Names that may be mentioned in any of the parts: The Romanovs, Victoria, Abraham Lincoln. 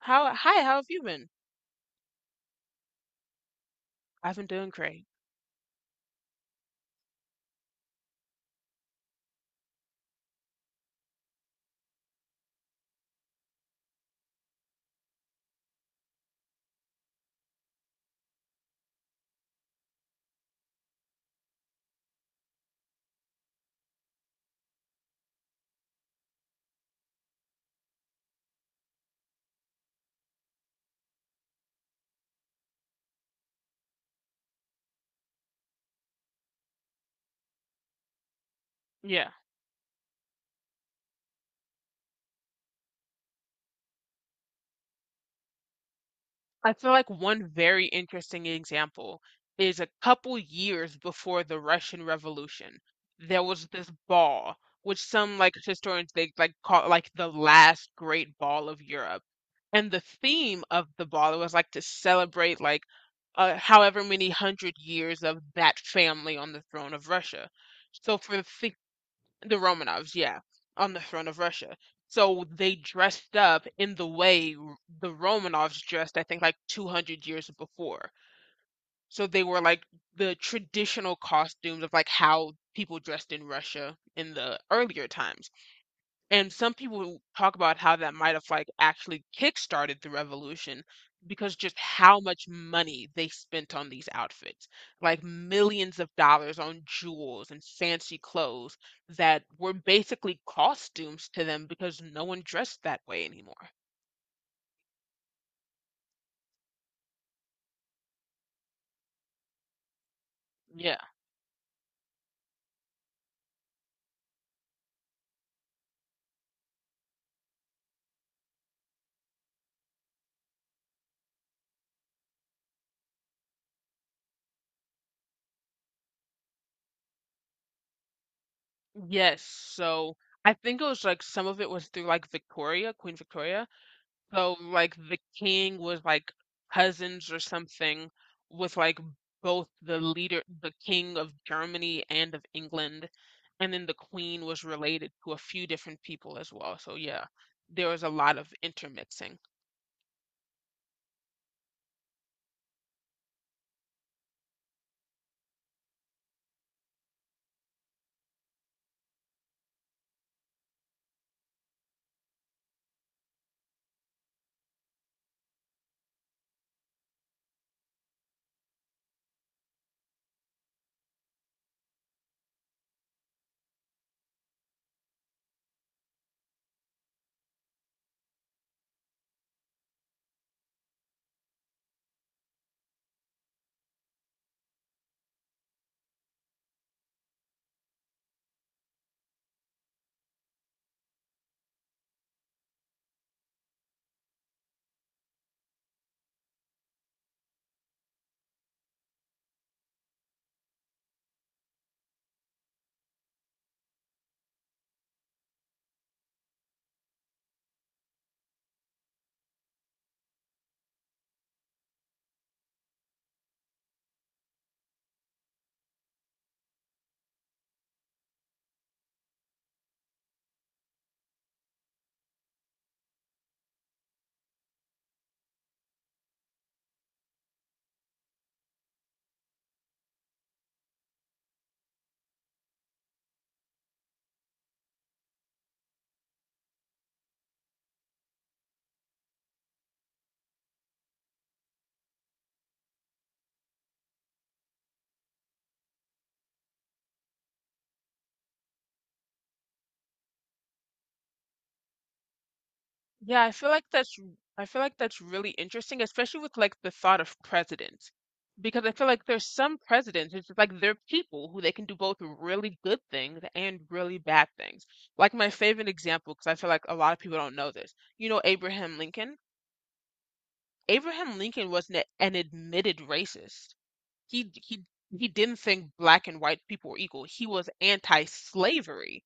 How hi, how have you been? I've been doing great. Yeah. I feel like one very interesting example is a couple years before the Russian Revolution, there was this ball, which some like historians they like call like the last great ball of Europe. And the theme of the ball was like to celebrate however many hundred years of that family on the throne of Russia. So for the Romanovs, yeah, on the throne of Russia. So they dressed up in the way the Romanovs dressed, I think, like 200 years before. So they were like the traditional costumes of like how people dressed in Russia in the earlier times. And some people talk about how that might have like actually kickstarted the revolution because just how much money they spent on these outfits, like millions of dollars on jewels and fancy clothes that were basically costumes to them because no one dressed that way anymore. Yeah. Yes. So I think it was like some of it was through like Victoria, Queen Victoria. So like the king was like cousins or something with like both the leader, the king of Germany and of England, and then the queen was related to a few different people as well. So yeah, there was a lot of intermixing. Yeah. I feel like that's really interesting, especially with like the thought of presidents. Because I feel like there's some presidents, it's just like they're people who they can do both really good things and really bad things. Like my favorite example, because I feel like a lot of people don't know this. You know Abraham Lincoln? Abraham Lincoln was an admitted racist. He he he didn't think black and white people were equal. He was anti-slavery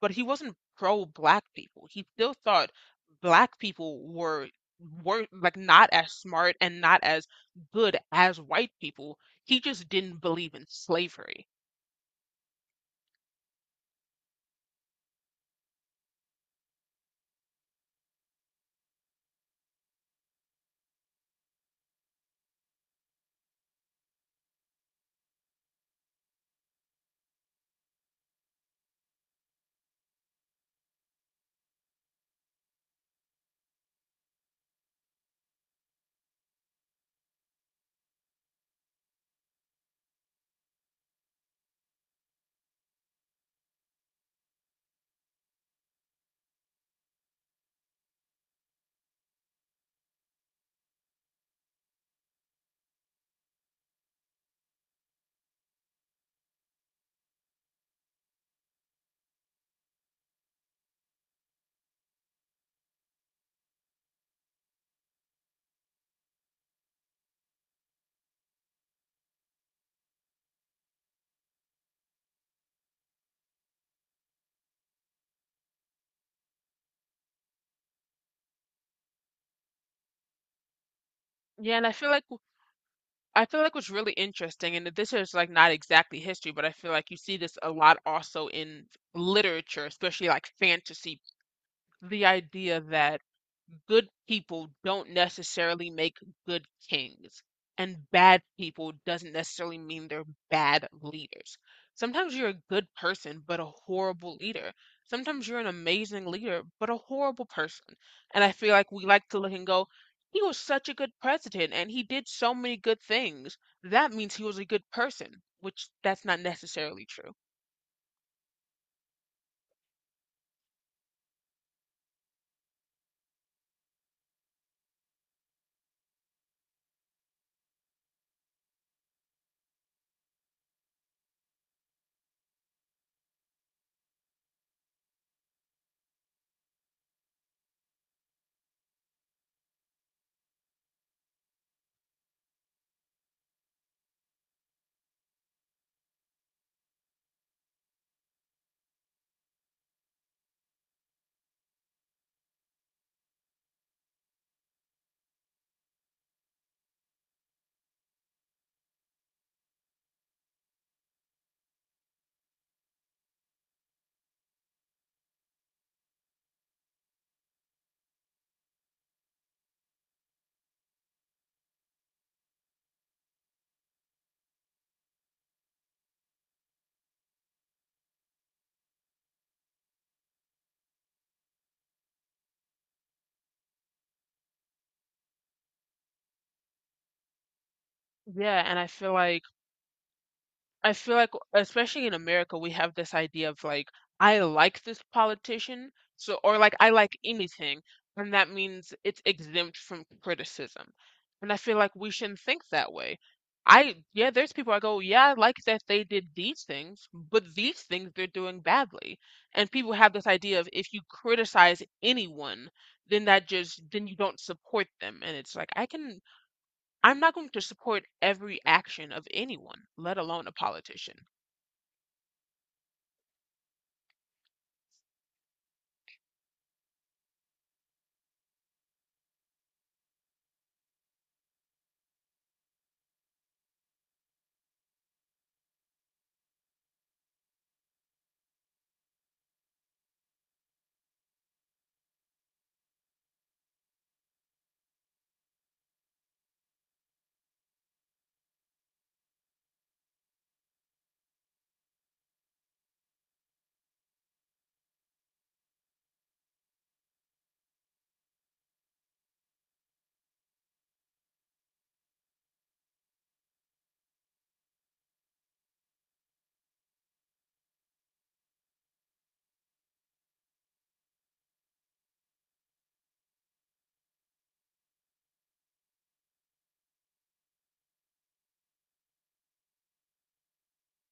but he wasn't pro black people. He still thought black people were like not as smart and not as good as white people. He just didn't believe in slavery. Yeah, and I feel like what's really interesting, and this is like not exactly history, but I feel like you see this a lot also in literature, especially like fantasy, the idea that good people don't necessarily make good kings and bad people doesn't necessarily mean they're bad leaders. Sometimes you're a good person but a horrible leader. Sometimes you're an amazing leader but a horrible person. And I feel like we like to look and go, he was such a good president and he did so many good things. That means he was a good person, which that's not necessarily true. Yeah, and I feel like, especially in America, we have this idea of like, I like this politician, so, or like, I like anything, and that means it's exempt from criticism. And I feel like we shouldn't think that way. I, yeah, there's people I go, yeah, I like that they did these things, but these things they're doing badly. And people have this idea of if you criticize anyone, then that just, then you don't support them. And it's like, I can, I'm not going to support every action of anyone, let alone a politician.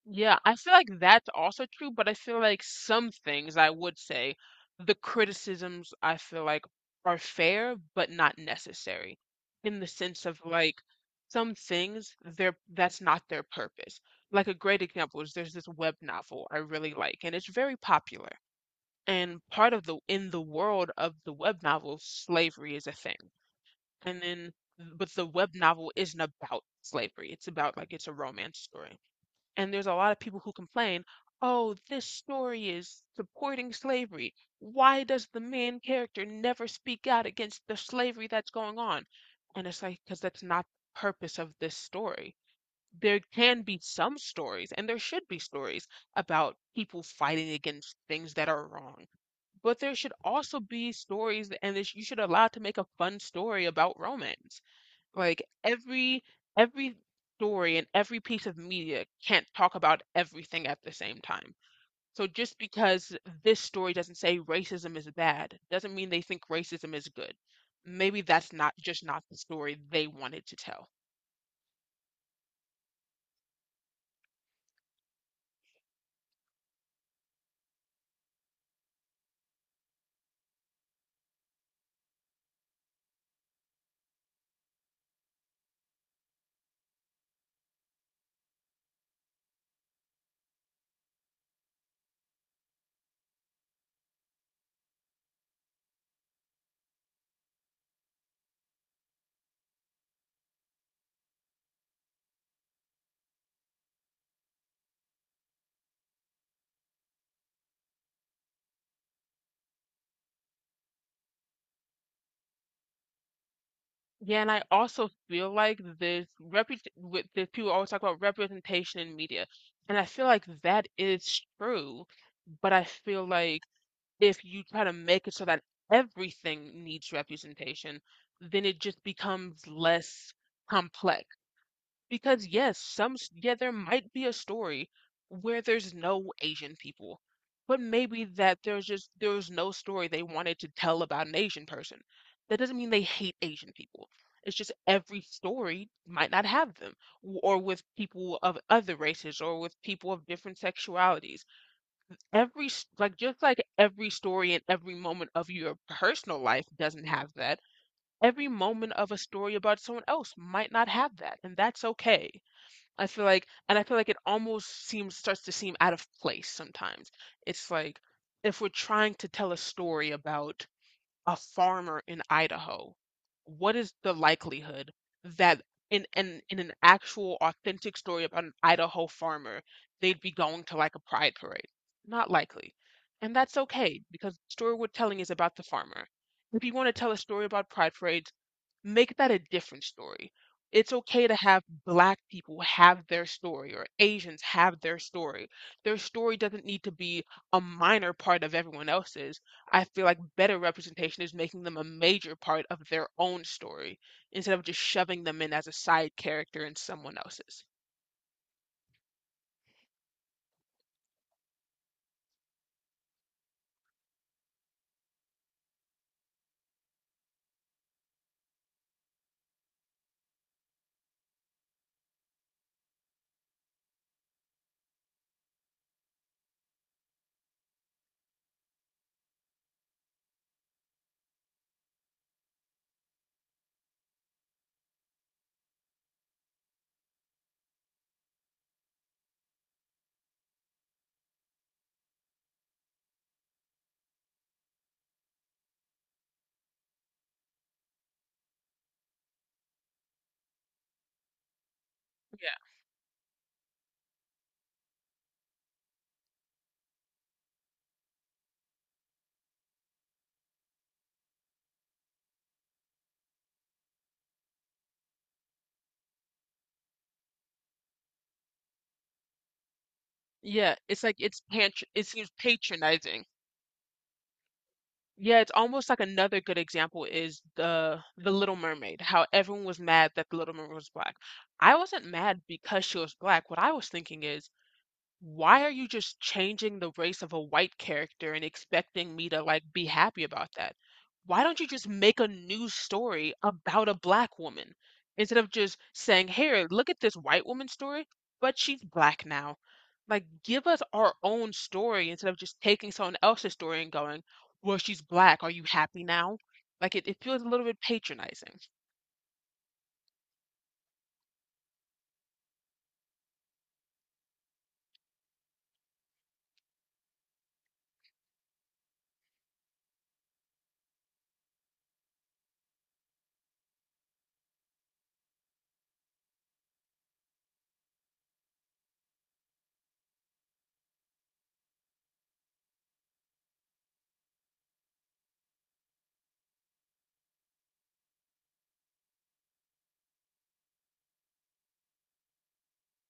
Yeah, I feel like that's also true, but I feel like some things I would say the criticisms I feel like are fair but not necessary in the sense of like some things they're that's not their purpose. Like a great example is there's this web novel I really like and it's very popular. And part of the in the world of the web novel, slavery is a thing. And then but the web novel isn't about slavery. It's about like it's a romance story. And there's a lot of people who complain, oh, this story is supporting slavery. Why does the main character never speak out against the slavery that's going on? And it's like, because that's not the purpose of this story. There can be some stories, and there should be stories about people fighting against things that are wrong. But there should also be stories, and you should allow it to make a fun story about romance. Like every story and every piece of media can't talk about everything at the same time. So just because this story doesn't say racism is bad, doesn't mean they think racism is good. Maybe that's not just not the story they wanted to tell. Yeah, and I also feel like this reput with the people always talk about representation in media, and I feel like that is true, but I feel like if you try to make it so that everything needs representation, then it just becomes less complex. Because yes, yeah, there might be a story where there's no Asian people, but maybe that there's just there was no story they wanted to tell about an Asian person. That doesn't mean they hate Asian people. It's just every story might not have them, or with people of other races, or with people of different sexualities. Every s- like Just like every story and every moment of your personal life doesn't have that, every moment of a story about someone else might not have that, and that's okay. I feel like, and I feel like it almost seems starts to seem out of place sometimes. It's like if we're trying to tell a story about a farmer in Idaho, what is the likelihood that in an actual authentic story about an Idaho farmer, they'd be going to like a pride parade? Not likely. And that's okay because the story we're telling is about the farmer. If you want to tell a story about pride parades, make that a different story. It's okay to have black people have their story or Asians have their story. Their story doesn't need to be a minor part of everyone else's. I feel like better representation is making them a major part of their own story instead of just shoving them in as a side character in someone else's. Yeah. Yeah, it's like it's patron it seems patronizing. Yeah, it's almost like another good example is the Little Mermaid, how everyone was mad that the Little Mermaid was black. I wasn't mad because she was black. What I was thinking is why are you just changing the race of a white character and expecting me to like be happy about that? Why don't you just make a new story about a black woman instead of just saying, "Here, look at this white woman story, but she's black now." Like give us our own story instead of just taking someone else's story and going, "Well, she's black. Are you happy now?" Like it feels a little bit patronizing.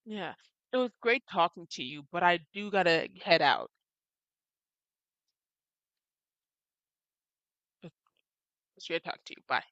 Yeah. It was great talking to you, but I do gotta head out. It's great talking to you. Bye.